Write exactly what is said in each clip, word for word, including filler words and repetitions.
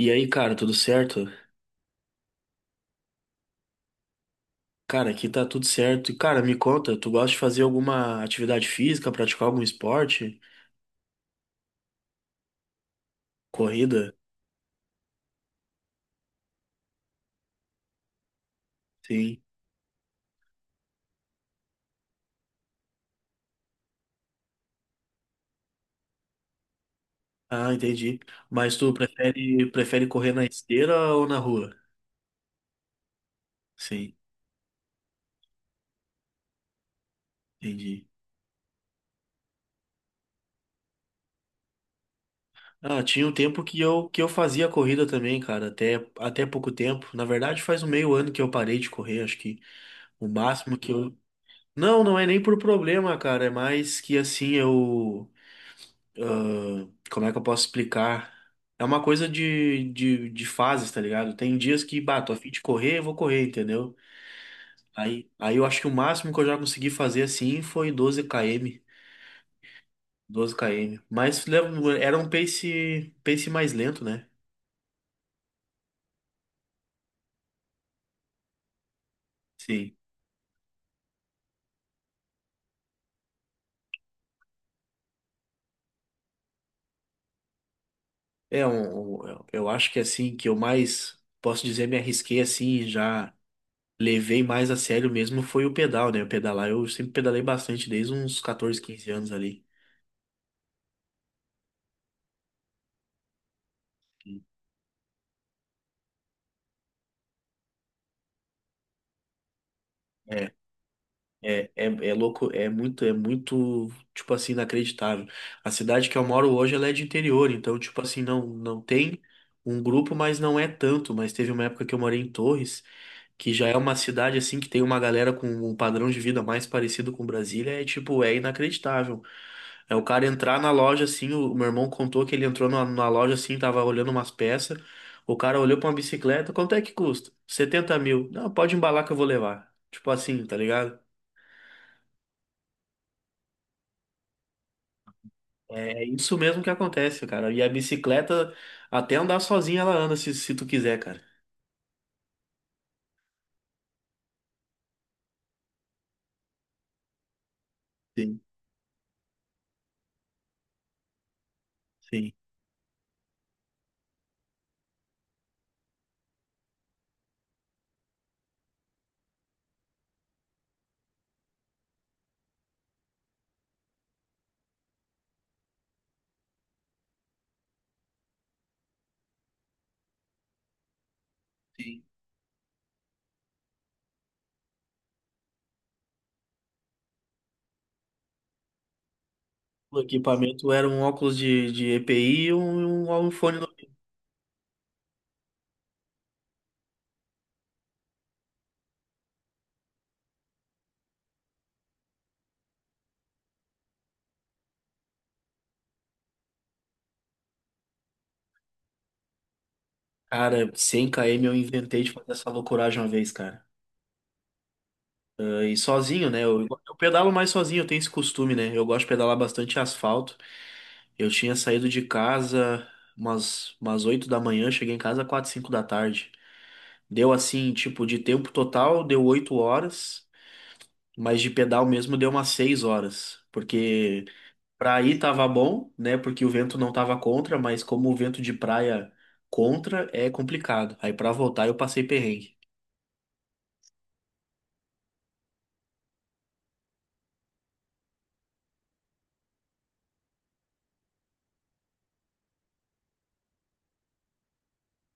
E aí, cara, tudo certo? Cara, aqui tá tudo certo. E, cara, me conta, tu gosta de fazer alguma atividade física, praticar algum esporte? Corrida? Sim. Ah, entendi. Mas tu prefere, prefere correr na esteira ou na rua? Sim, entendi. Ah, tinha um tempo que eu, que eu fazia corrida também, cara, até, até pouco tempo. Na verdade, faz um meio ano que eu parei de correr, acho que o máximo que eu. Não, não é nem por problema, cara, é mais que assim, eu. Como é que eu posso explicar? É uma coisa de, de, de fases, tá ligado? Tem dias que, bah, tô a fim de correr, eu vou correr, entendeu? Aí, aí eu acho que o máximo que eu já consegui fazer assim foi doze quilômetros. doze quilômetros. Mas leva- era um pace, pace mais lento, né? Sim. É um, um- eu acho que assim, que eu mais, posso dizer, me arrisquei assim, já levei mais a sério mesmo foi o pedal, né? O pedalar, eu sempre pedalei bastante, desde uns quatorze, quinze anos ali. É, É, é, é louco, é muito, é muito, tipo assim, inacreditável. A cidade que eu moro hoje, ela é de interior, então, tipo assim, não, não tem um grupo, mas não é tanto. Mas teve uma época que eu morei em Torres, que já é uma cidade, assim, que tem uma galera com um padrão de vida mais parecido com Brasília, é tipo, é inacreditável. É o cara entrar na loja, assim, o, o meu irmão contou que ele entrou na, na loja, assim, tava olhando umas peças, o cara olhou pra uma bicicleta, quanto é que custa? Setenta mil. Não, pode embalar que eu vou levar. Tipo assim, tá ligado? É isso mesmo que acontece, cara. E a bicicleta, até andar sozinha, ela anda se, se tu quiser, cara. Sim, sim. Sim. O equipamento era um óculos de, de E P I e um, um um fone. No- Cara, cem quilômetros eu inventei de fazer essa loucuragem uma vez, cara. E sozinho, né? Eu, eu pedalo mais sozinho, eu tenho esse costume, né? Eu gosto de pedalar bastante asfalto. Eu tinha saído de casa umas, umas oito da manhã, cheguei em casa quatro cinco da tarde. Deu assim, tipo, de tempo total, deu oito horas. Mas de pedal mesmo deu umas seis horas, porque pra ir tava bom, né? Porque o vento não tava contra, mas como o vento de praia contra é complicado. Aí pra voltar eu passei perrengue.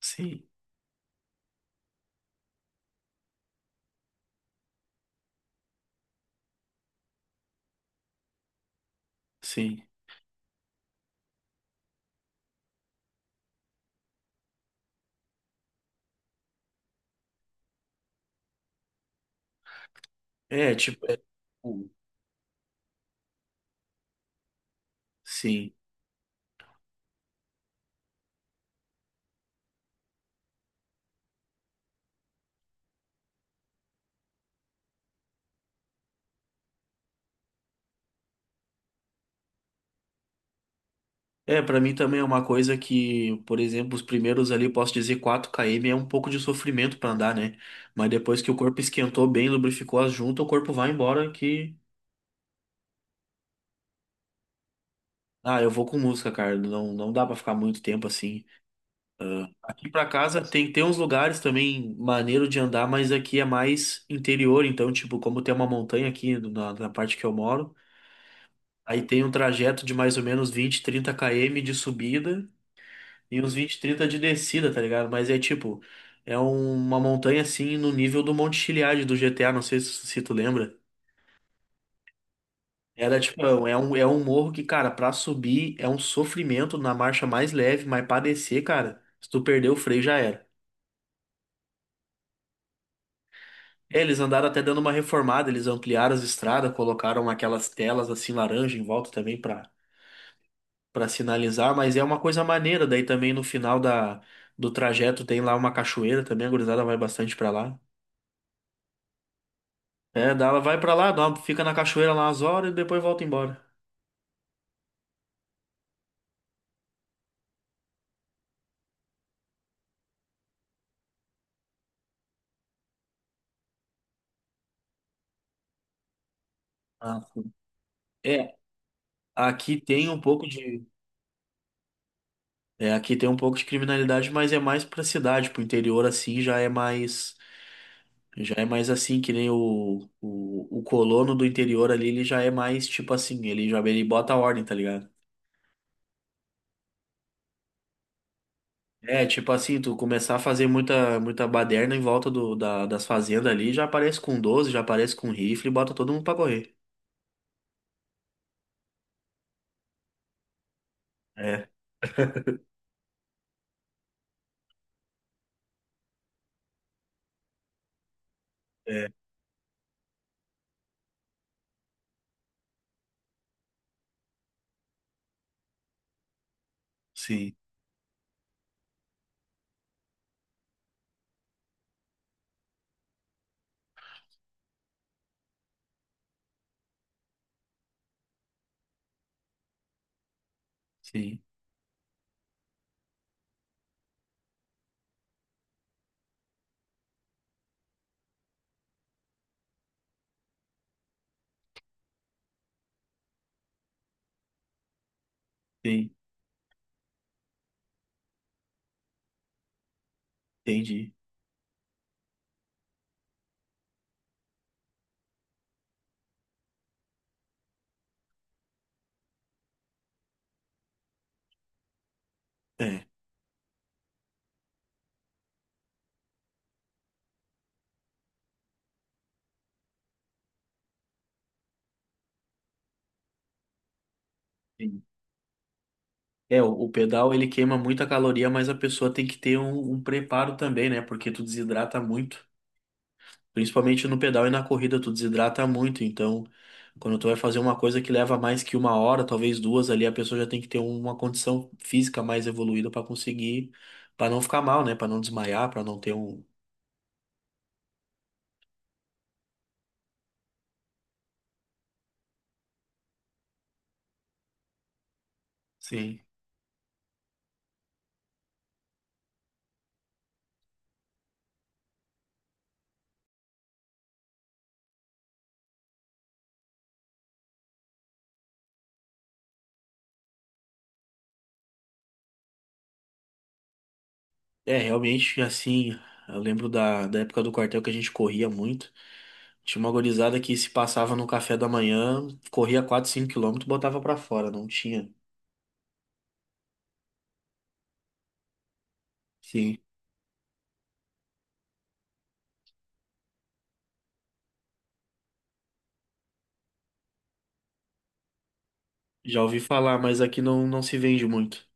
Sim, sim. É, tipo, é- sim. É, pra mim também é uma coisa que, por exemplo, os primeiros ali, posso dizer quatro quilômetros, é um pouco de sofrimento pra andar, né? Mas depois que o corpo esquentou bem, lubrificou as juntas, o corpo vai embora que. Ah, eu vou com música, cara. Não, não dá pra ficar muito tempo assim. Aqui pra casa tem, tem uns lugares também maneiro de andar, mas aqui é mais interior, então, tipo, como tem uma montanha aqui na, na parte que eu moro, aí tem um trajeto de mais ou menos vinte, trinta quilômetros de subida e uns vinte, trinta de descida, tá ligado? Mas é tipo, é um- uma montanha assim no nível do Monte Chiliade do G T A, não sei se, se tu lembra. Era tipo, é um, é um morro que, cara, pra subir é um sofrimento na marcha mais leve, mas pra descer, cara, se tu perder o freio já era. É, eles andaram até dando uma reformada, eles ampliaram as estradas, colocaram aquelas telas assim laranja em volta também para para sinalizar, mas é uma coisa maneira. Daí também no final da, do trajeto tem lá uma cachoeira também, a gurizada vai bastante para lá. É, dá, ela vai para lá, dá uma- fica na cachoeira lá umas horas e depois volta embora. Ah, sim. é, aqui tem um pouco de é, aqui tem um pouco de criminalidade, mas é mais para cidade, pro interior assim já é mais. Já é mais assim, que nem o, o, o colono do interior ali, ele já é mais tipo assim, ele já ele bota a ordem, tá ligado? É, tipo assim, tu começar a fazer muita, muita baderna em volta do, da- das fazendas ali, já aparece com doze já aparece com rifle e bota todo mundo pra correr. É, é, sim, sim, sim, entendi. É, sim. É, o, o pedal ele queima muita caloria, mas a pessoa tem que ter um, um preparo também, né? Porque tu desidrata muito. Principalmente no pedal e na corrida, tu desidrata muito. Então, quando tu vai fazer uma coisa que leva mais que uma hora, talvez duas ali, a pessoa já tem que ter uma condição física mais evoluída para conseguir, para não ficar mal, né? Para não desmaiar, para não ter um. Sim. É, realmente, assim, eu lembro da, da época do quartel que a gente corria muito. Tinha uma gurizada que se passava no café da manhã, corria quatro, cinco quilômetros, botava pra fora, não tinha. Sim. Já ouvi falar, mas aqui não, não se vende muito.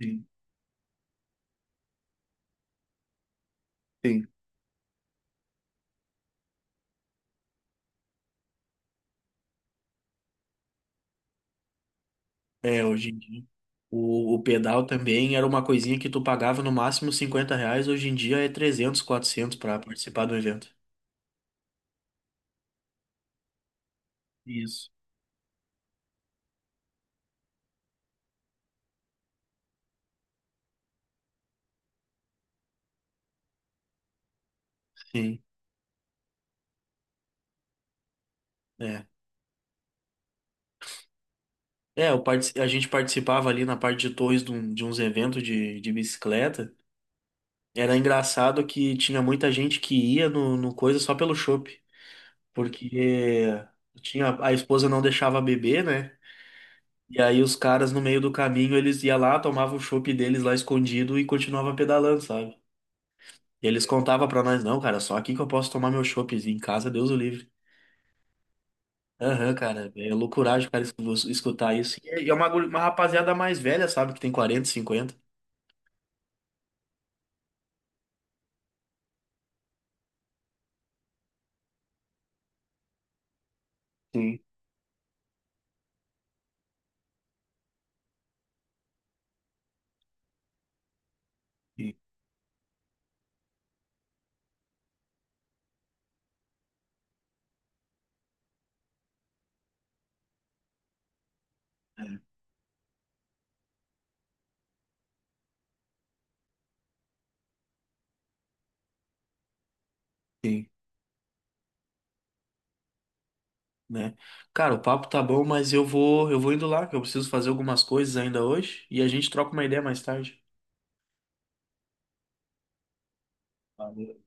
Sim. Sim. É, hoje em dia. O, o pedal também era uma coisinha que tu pagava no máximo cinquenta reais, hoje em dia é trezentos quatrocentos para participar do evento. Isso. Sim, é. É, eu partici- a gente participava ali na parte de Torres de, um- de uns eventos de, de bicicleta. Era engraçado que tinha muita gente que ia no, no coisa só pelo chopp, porque tinha, a esposa não deixava beber, né? E aí os caras no meio do caminho, eles iam lá, tomavam o chopp deles lá escondido e continuavam pedalando, sabe? E eles contavam pra nós, não, cara, só aqui que eu posso tomar meu chopp em casa, Deus o livre. Aham, cara, é loucuragem, cara, es- vos- escutar isso. E é e é uma, guri- uma rapaziada mais velha, sabe, que tem quarenta cinquenta. Sim, sim, sim. Né? Cara, o papo tá bom, mas eu vou, eu vou indo lá, que eu preciso fazer algumas coisas ainda hoje, e a gente troca uma ideia mais tarde. Valeu.